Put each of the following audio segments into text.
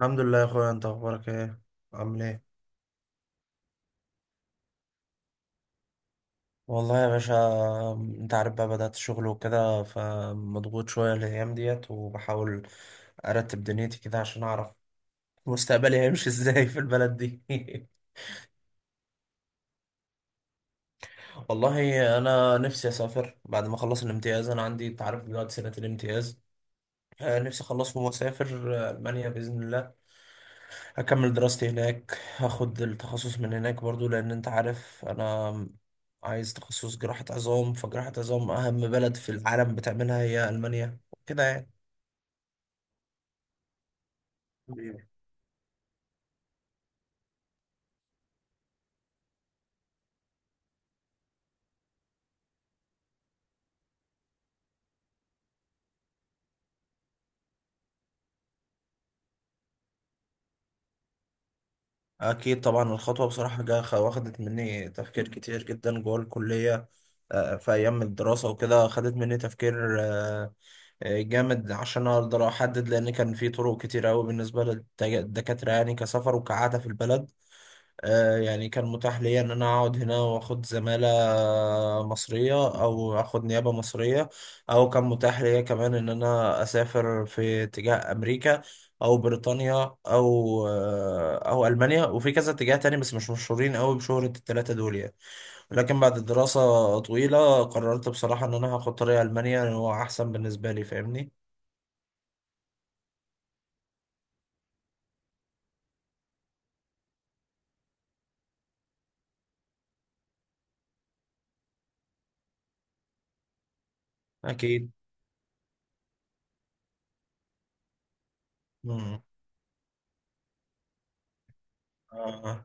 الحمد لله يا اخويا، انت اخبارك ايه؟ عامل ايه؟ والله يا باشا انت عارف بقى، بدأت شغل وكده فمضغوط شوية الأيام ديت، وبحاول أرتب دنيتي كده عشان أعرف مستقبلي هيمشي ازاي في البلد دي. والله أنا نفسي أسافر بعد ما أخلص الامتياز، أنا عندي أنت عارف دلوقتي سنة الامتياز، نفسي أخلصهم وأسافر، ألمانيا بإذن الله. هكمل دراستي هناك، هاخد التخصص من هناك برضو، لان انت عارف انا عايز تخصص جراحة عظام، فجراحة عظام اهم بلد في العالم بتعملها هي المانيا كده يعني. أيوة. اكيد طبعا الخطوة بصراحة واخدت مني تفكير كتير جدا جوه الكلية، في ايام الدراسة وكده خدت مني تفكير جامد عشان اقدر احدد، لان كان في طرق كتير قوي بالنسبة للدكاترة يعني، كسفر وكعادة في البلد يعني كان متاح ليا ان انا اقعد هنا واخد زمالة مصرية او اخد نيابة مصرية، او كان متاح ليا كمان ان انا اسافر في اتجاه امريكا او بريطانيا او المانيا، وفي كذا اتجاه تاني بس مش مشهورين قوي بشهرة التلاتة دول يعني. لكن بعد دراسة طويلة قررت بصراحة ان انا هاخد طريق المانيا، إن هو احسن بالنسبة لي. فاهمني؟ اكيد. مم. آه.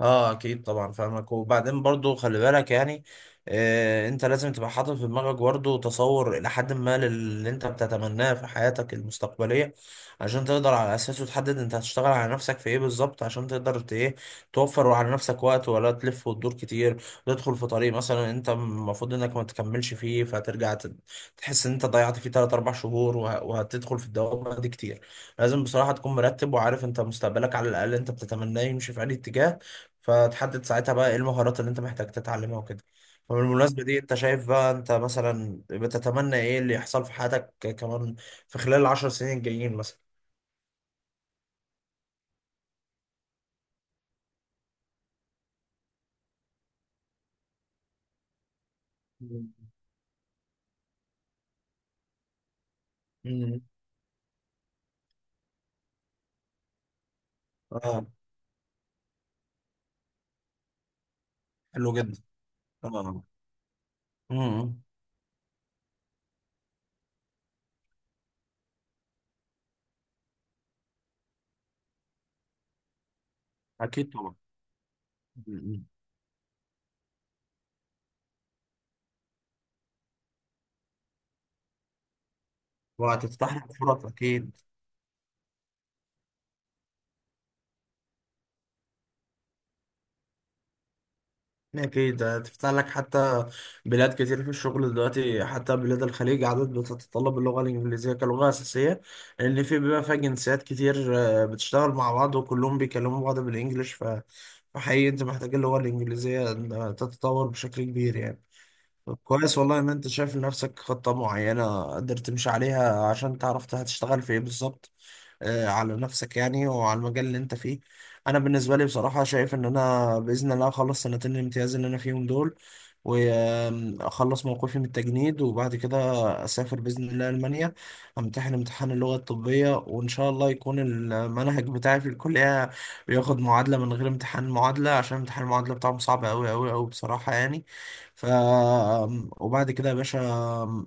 اه اكيد طبعا فاهمك. وبعدين برضو خلي بالك يعني، آه انت لازم تبقى حاطط في دماغك برضو تصور الى حد ما اللي انت بتتمناه في حياتك المستقبلية، عشان تقدر على اساسه تحدد انت هتشتغل على نفسك في ايه بالظبط، عشان تقدر ايه توفر على نفسك وقت، ولا تلف وتدور كتير وتدخل في طريق مثلا انت المفروض انك ما تكملش فيه، فترجع تحس ان انت ضيعت فيه 3 4 شهور وهتدخل في الدوامة دي كتير. لازم بصراحة تكون مرتب وعارف انت مستقبلك على الاقل انت بتتمناه يمشي في انهي اتجاه، فتحدد ساعتها بقى ايه المهارات اللي انت محتاج تتعلمها وكده. مم. وبالمناسبة دي انت شايف بقى انت مثلا بتتمنى ايه اللي يحصل في حياتك كمان في خلال العشر سنين الجايين مثلا؟ مم. امم. اه. حلو جدا. اه. امم. اكيد طبعا. مم. وهتفتح لك فرص اكيد. أكيد هتفتح لك حتى بلاد كتير في الشغل دلوقتي، حتى بلاد الخليج عدد بتتطلب اللغة الإنجليزية كلغة أساسية، لأن في بيبقى فيها جنسيات كتير بتشتغل مع بعض وكلهم بيكلموا بعض بالإنجليش، فحقيقي أنت محتاج اللغة الإنجليزية إنها تتطور بشكل كبير يعني. طب كويس والله إن أنت شايف لنفسك خطة معينة قدرت تمشي عليها عشان تعرف هتشتغل في إيه بالظبط، على نفسك يعني وعلى المجال اللي انت فيه. انا بالنسبه لي بصراحه شايف ان انا باذن الله اخلص سنتين الامتياز اللي انا فيهم دول، واخلص موقفي من التجنيد، وبعد كده اسافر باذن الله المانيا، امتحن امتحان اللغه الطبيه، وان شاء الله يكون المنهج بتاعي في الكليه بياخد معادله من غير امتحان معادله، عشان امتحان المعادله بتاعهم صعب قوي قوي قوي بصراحه يعني. ف وبعد كده يا باشا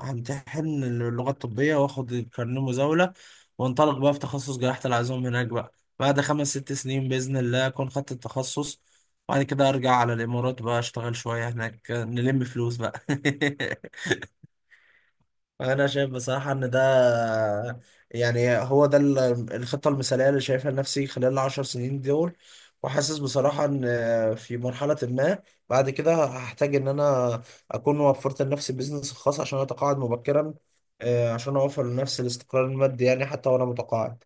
همتحن اللغه الطبيه واخد الكارنيه مزاوله، وانطلق بقى في تخصص جراحة العظام هناك بقى. بعد خمس ست سنين بإذن الله أكون خدت التخصص، وبعد كده أرجع على الإمارات بقى أشتغل شوية هناك، نلم فلوس بقى. أنا شايف بصراحة إن ده يعني هو ده الخطة المثالية اللي شايفها لنفسي خلال العشر سنين دول. وحاسس بصراحة إن في مرحلة ما بعد كده هحتاج إن أنا أكون وفرت لنفسي بيزنس خاص عشان أتقاعد مبكرا، عشان أوفر لنفسي الاستقرار المادي يعني حتى وأنا متقاعد.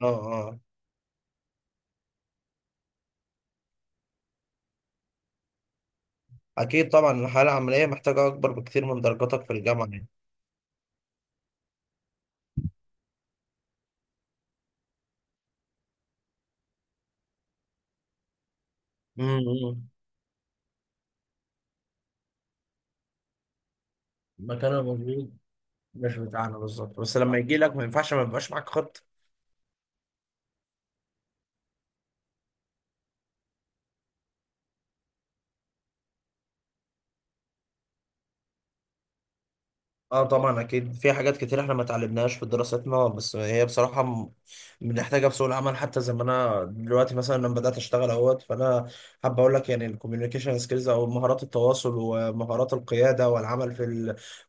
اه. آه. أكيد طبعا الحياة العملية محتاجة أكبر بكتير من درجاتك في الجامعة يعني. امم. مكان المفروض مش بتاعنا بالظبط، بس لما يجي لك ما ينفعش ما يبقاش معاك خطة. اه طبعا اكيد، في حاجات كتير احنا ما اتعلمناهاش في دراستنا بس هي بصراحه بنحتاجها في سوق العمل، حتى زي ما انا دلوقتي مثلا لما بدات اشتغل اهوت، فانا حابب اقول لك يعني الكوميونيكيشن سكيلز او مهارات التواصل ومهارات القياده والعمل في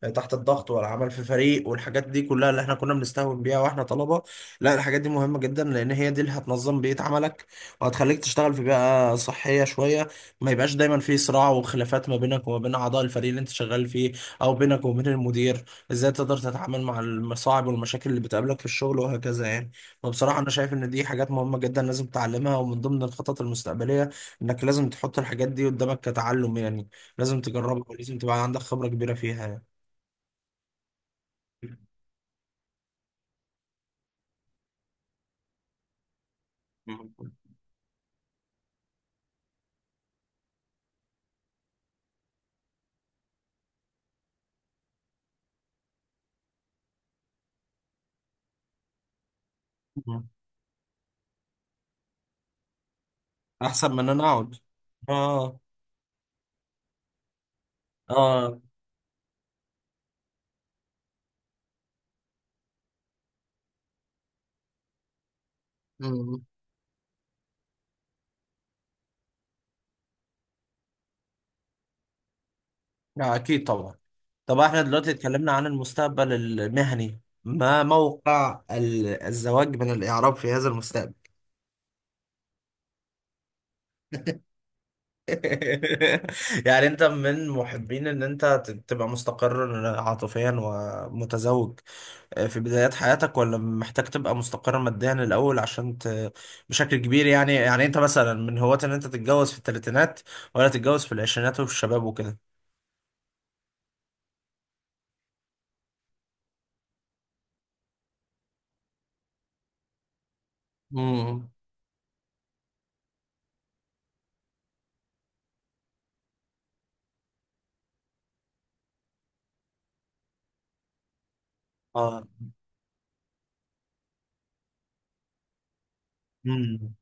تحت الضغط، والعمل في فريق، والحاجات دي كلها اللي احنا كنا بنستهون بيها واحنا طلبه. لا الحاجات دي مهمه جدا، لان هي دي اللي هتنظم بيئه عملك، وهتخليك تشتغل في بيئه صحيه شويه، ما يبقاش دايما في صراع وخلافات ما بينك وما بين اعضاء الفريق اللي انت شغال فيه، او بينك وبين المدير. ازاي تقدر تتعامل مع المصاعب والمشاكل اللي بتقابلك في الشغل وهكذا يعني. فبصراحة انا شايف ان دي حاجات مهمة جدا لازم تتعلمها، ومن ضمن الخطط المستقبلية انك لازم تحط الحاجات دي قدامك كتعلم يعني، لازم تجربها ولازم تبقى عندك خبرة كبيرة فيها يعني. مم. مم. احسن من ان انا اقعد. اه. اه. مم. لا اكيد طبعا. طب احنا دلوقتي اتكلمنا عن المستقبل المهني، ما موقع الزواج من الاعراب في هذا المستقبل؟ يعني انت من محبين ان انت تبقى مستقر عاطفيا ومتزوج في بدايات حياتك، ولا محتاج تبقى مستقر ماديا الاول عشان بشكل كبير يعني. يعني انت مثلا من هواة ان انت تتجوز في الثلاثينات، ولا تتجوز في العشرينات وفي الشباب وكده؟ امم. اه. مم.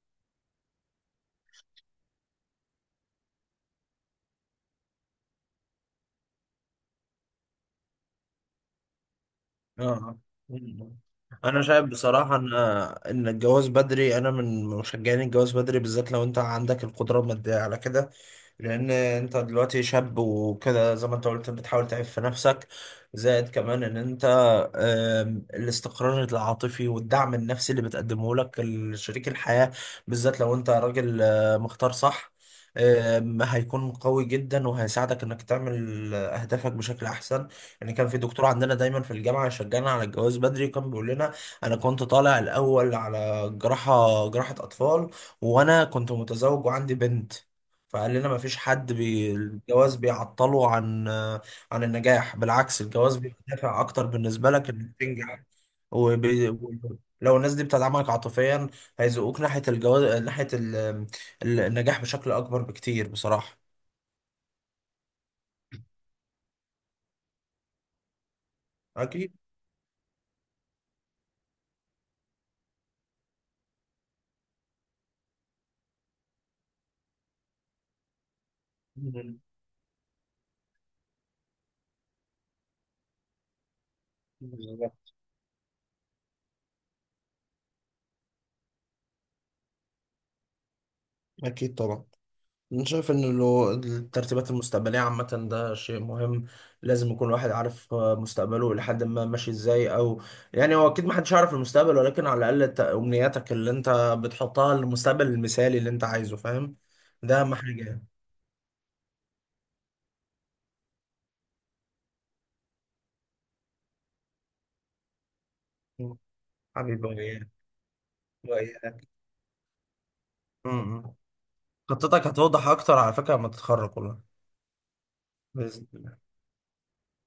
اه. مم. انا شايف بصراحه ان ان الجواز بدري، انا من مشجعين الجواز بدري بالذات لو انت عندك القدره الماديه على كده، لان انت دلوقتي شاب وكده زي ما انت قلت بتحاول تعيش في نفسك. زائد كمان ان انت الاستقرار العاطفي والدعم النفسي اللي بتقدمه لك شريك الحياه، بالذات لو انت راجل مختار صح، هيكون قوي جدا وهيساعدك انك تعمل اهدافك بشكل احسن. يعني كان في دكتور عندنا دايما في الجامعة يشجعنا على الجواز بدري، وكان بيقول لنا أنا كنت طالع الأول على جراحة أطفال، وأنا كنت متزوج وعندي بنت، فقال لنا مفيش حد الجواز بيعطله عن عن النجاح، بالعكس الجواز بيبقى دافع أكتر بالنسبة لك إنك تنجح. وبي... لو الناس دي بتدعمك عاطفيا هيزقوك ناحية الجواز، ناحية النجاح بشكل أكبر بكتير بصراحة. أكيد. مم. بالظبط. أكيد طبعا. أنا شايف إن لو الترتيبات المستقبلية عامة ده شيء مهم، لازم يكون الواحد عارف مستقبله إلى حد ما ماشي إزاي. أو يعني هو أكيد محدش يعرف المستقبل، ولكن على الأقل أمنياتك اللي أنت بتحطها للمستقبل المثالي اللي أنت عايزه. فاهم؟ ده أهم حاجة يعني. م. حبيبي وإياك. وإياك. م. خطتك هتوضح أكتر على فكرة لما تتخرج والله. بإذن الله.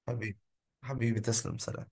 حبيبي. حبيبي تسلم، سلام.